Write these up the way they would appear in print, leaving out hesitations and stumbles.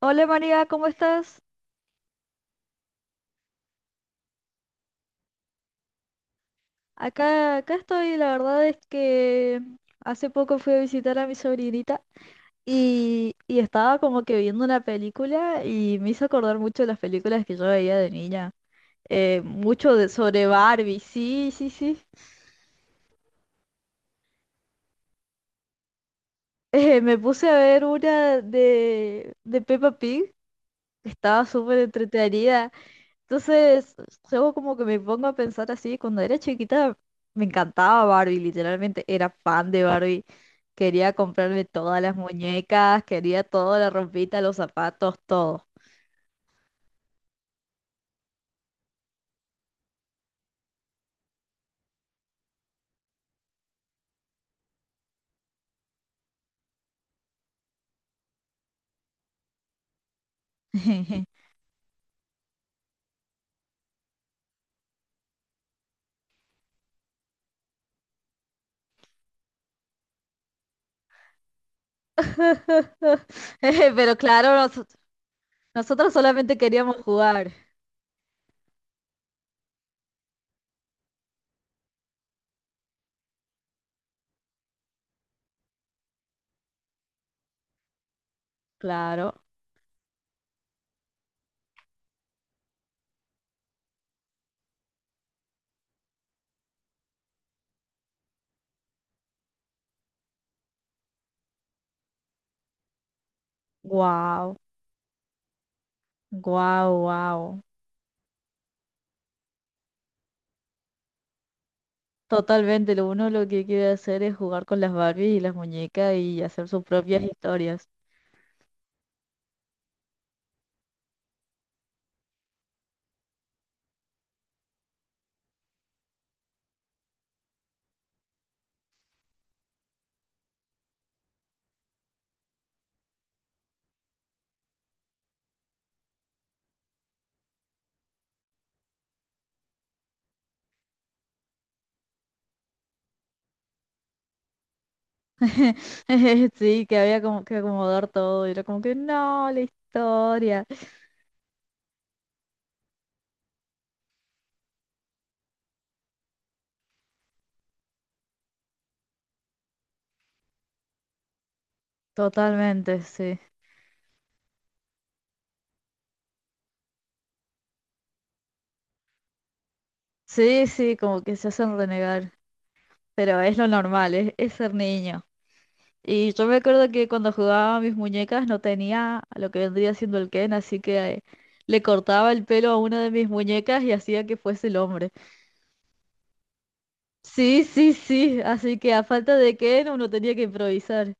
Hola María, ¿cómo estás? Acá estoy, la verdad es que hace poco fui a visitar a mi sobrinita y estaba como que viendo una película y me hizo acordar mucho de las películas que yo veía de niña. Mucho de, sobre Barbie, sí, sí, sí. Me puse a ver una de Peppa Pig, que estaba súper entretenida. Entonces, luego como que me pongo a pensar así, cuando era chiquita me encantaba Barbie, literalmente era fan de Barbie. Quería comprarme todas las muñecas, quería toda la ropita, los zapatos, todo. Pero claro, nosotros solamente queríamos jugar. Claro, wow, wow, wow. Totalmente, lo uno lo que quiere hacer es jugar con las Barbies y las muñecas y hacer sus propias historias. Sí, que había como que acomodar todo. Y era como que no, la historia. Totalmente, sí. Sí, sí, como que se hacen renegar. Pero es lo normal, es ser niño. Y yo me acuerdo que cuando jugaba a mis muñecas no tenía lo que vendría siendo el Ken, así que le cortaba el pelo a una de mis muñecas y hacía que fuese el hombre. Sí, sí, sí. Así que a falta de Ken uno tenía que improvisar.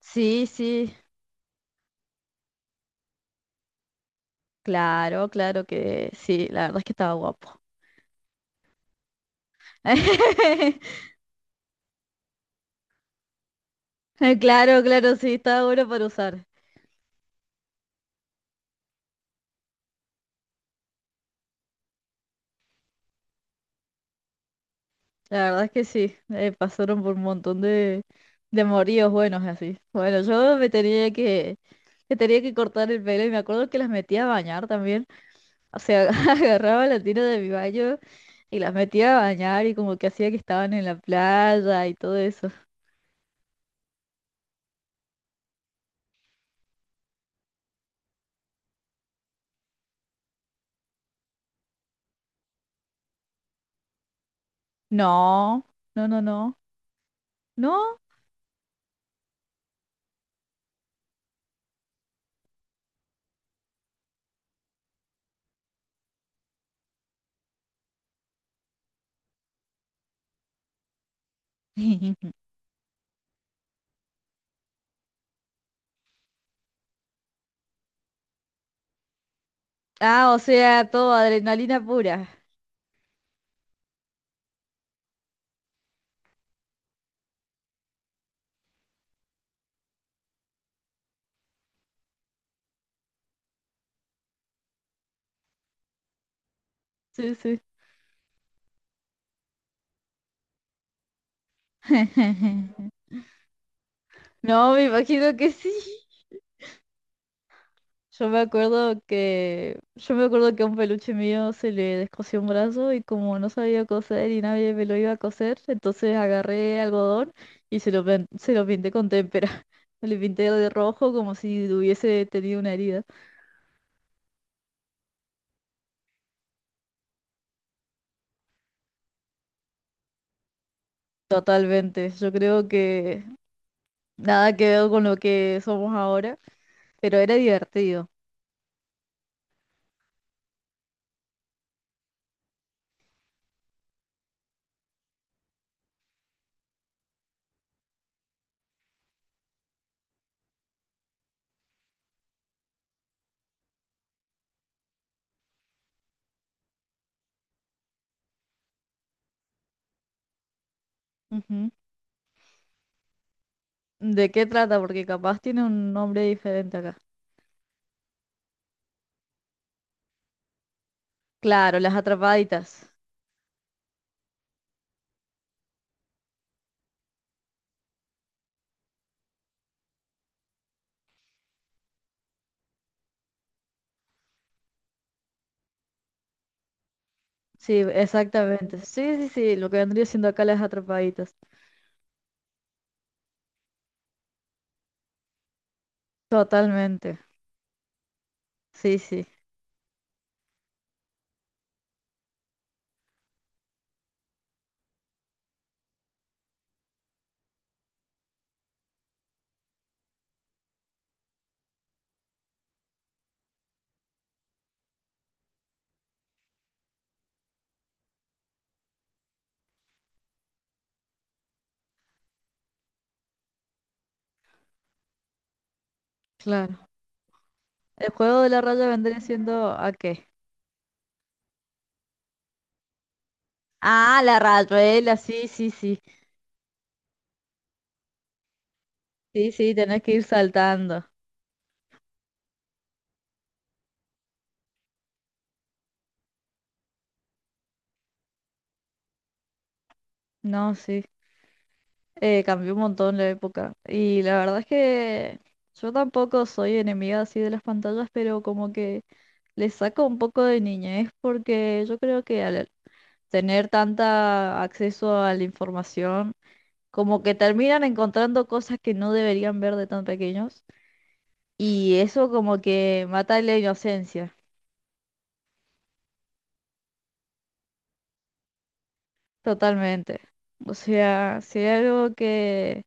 Sí, sí. Claro, claro que sí. La verdad es que estaba guapo. Claro, claro, sí, está bueno para usar. La verdad es que sí, pasaron por un montón de moríos buenos así. Bueno, yo me tenía que cortar el pelo y me acuerdo que las metía a bañar también. O sea, agarraba la tira de mi baño y las metía a bañar y como que hacía que estaban en la playa y todo eso. No, no, no, no, no. Ah, o sea, todo adrenalina pura. Sí, sí. No, me imagino que sí. Yo me acuerdo que a un peluche mío se le descosió un brazo y como no sabía coser y nadie me lo iba a coser, entonces agarré algodón y se se lo pinté con témpera. Le pinté de rojo como si hubiese tenido una herida. Totalmente. Yo creo que nada que ver con lo que somos ahora, pero era divertido. Ujú. ¿De qué trata? Porque capaz tiene un nombre diferente acá. Claro, las atrapaditas. Sí, exactamente. Sí, sí, sí, lo que vendría siendo acá las atrapaditas. Totalmente. Sí, sí, claro. El juego de la raya vendría siendo ¿a qué? Ah, la rayuela, sí, sí, sí. Sí, sí, tenés que ir saltando. No, sí. Cambió un montón la época. Y la verdad es que yo tampoco soy enemiga así de las pantallas, pero como que le saco un poco de niñez porque yo creo que al tener tanta acceso a la información como que terminan encontrando cosas que no deberían ver de tan pequeños y eso como que mata la inocencia, totalmente. O sea, si hay algo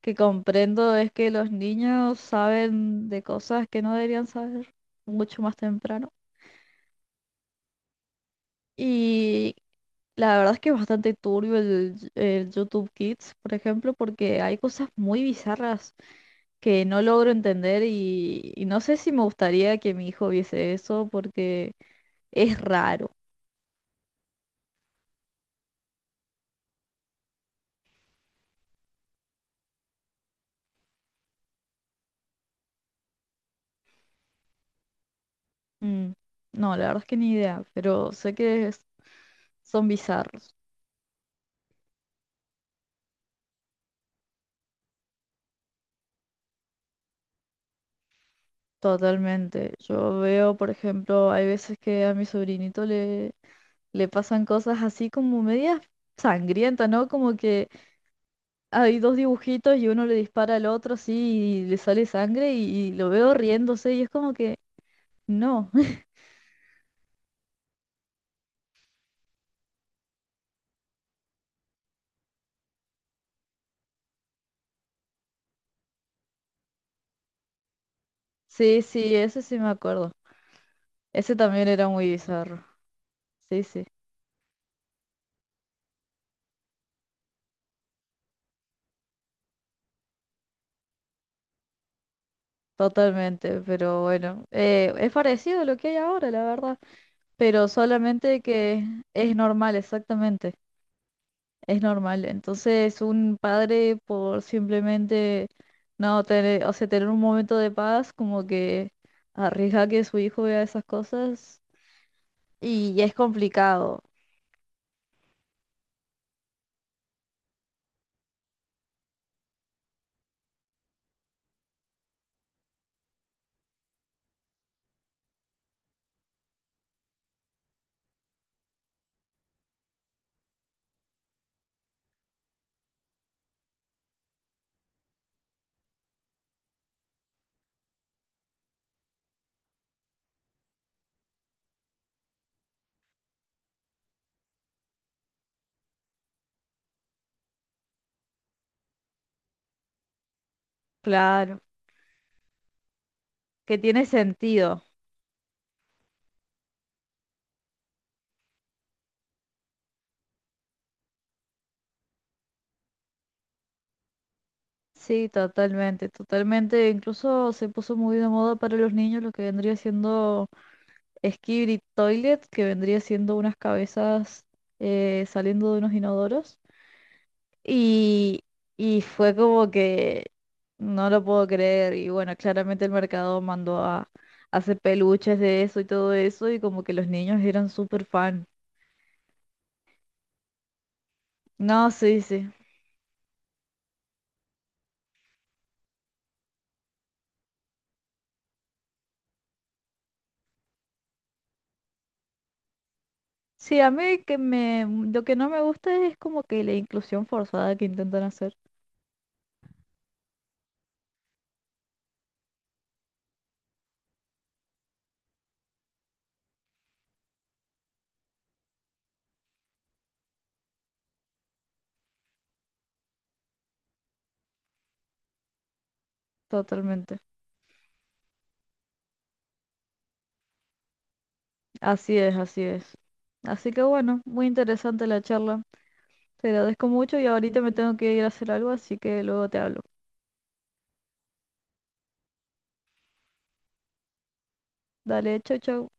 que comprendo es que los niños saben de cosas que no deberían saber mucho más temprano. Y la verdad es que es bastante turbio el YouTube Kids, por ejemplo, porque hay cosas muy bizarras que no logro entender y no sé si me gustaría que mi hijo viese eso porque... Es raro. Mm. No, la verdad es que ni idea, pero sé que son bizarros. Totalmente. Yo veo, por ejemplo, hay veces que a mi le pasan cosas así como medias sangrientas, ¿no? Como que hay dos dibujitos y uno le dispara al otro así y le sale sangre y lo veo riéndose y es como que no. Sí, sí, ese sí me acuerdo. Ese también era muy bizarro. Sí, sí, totalmente. Pero bueno, es parecido a lo que hay ahora, la verdad. Pero solamente que es normal, exactamente, es normal. Entonces, un padre por simplemente no tener, o sea, tener un momento de paz, como que arriesga que su hijo vea esas cosas y es complicado, claro, que tiene sentido. Sí, totalmente, totalmente. Incluso se puso muy de moda para los niños lo que vendría siendo Skibidi Toilet, que vendría siendo unas cabezas saliendo de unos inodoros. Y, y fue como que no lo puedo creer. Y bueno, claramente el mercado mandó a hacer peluches de eso y todo eso. Y como que los niños eran súper fan. No, sí, sí. Sí, a mí lo que no me gusta es como que la inclusión forzada que intentan hacer. Totalmente. Así es, así es. Así que bueno, muy interesante la charla. Te agradezco mucho y ahorita me tengo que ir a hacer algo, así que luego te hablo. Dale, chau, chau.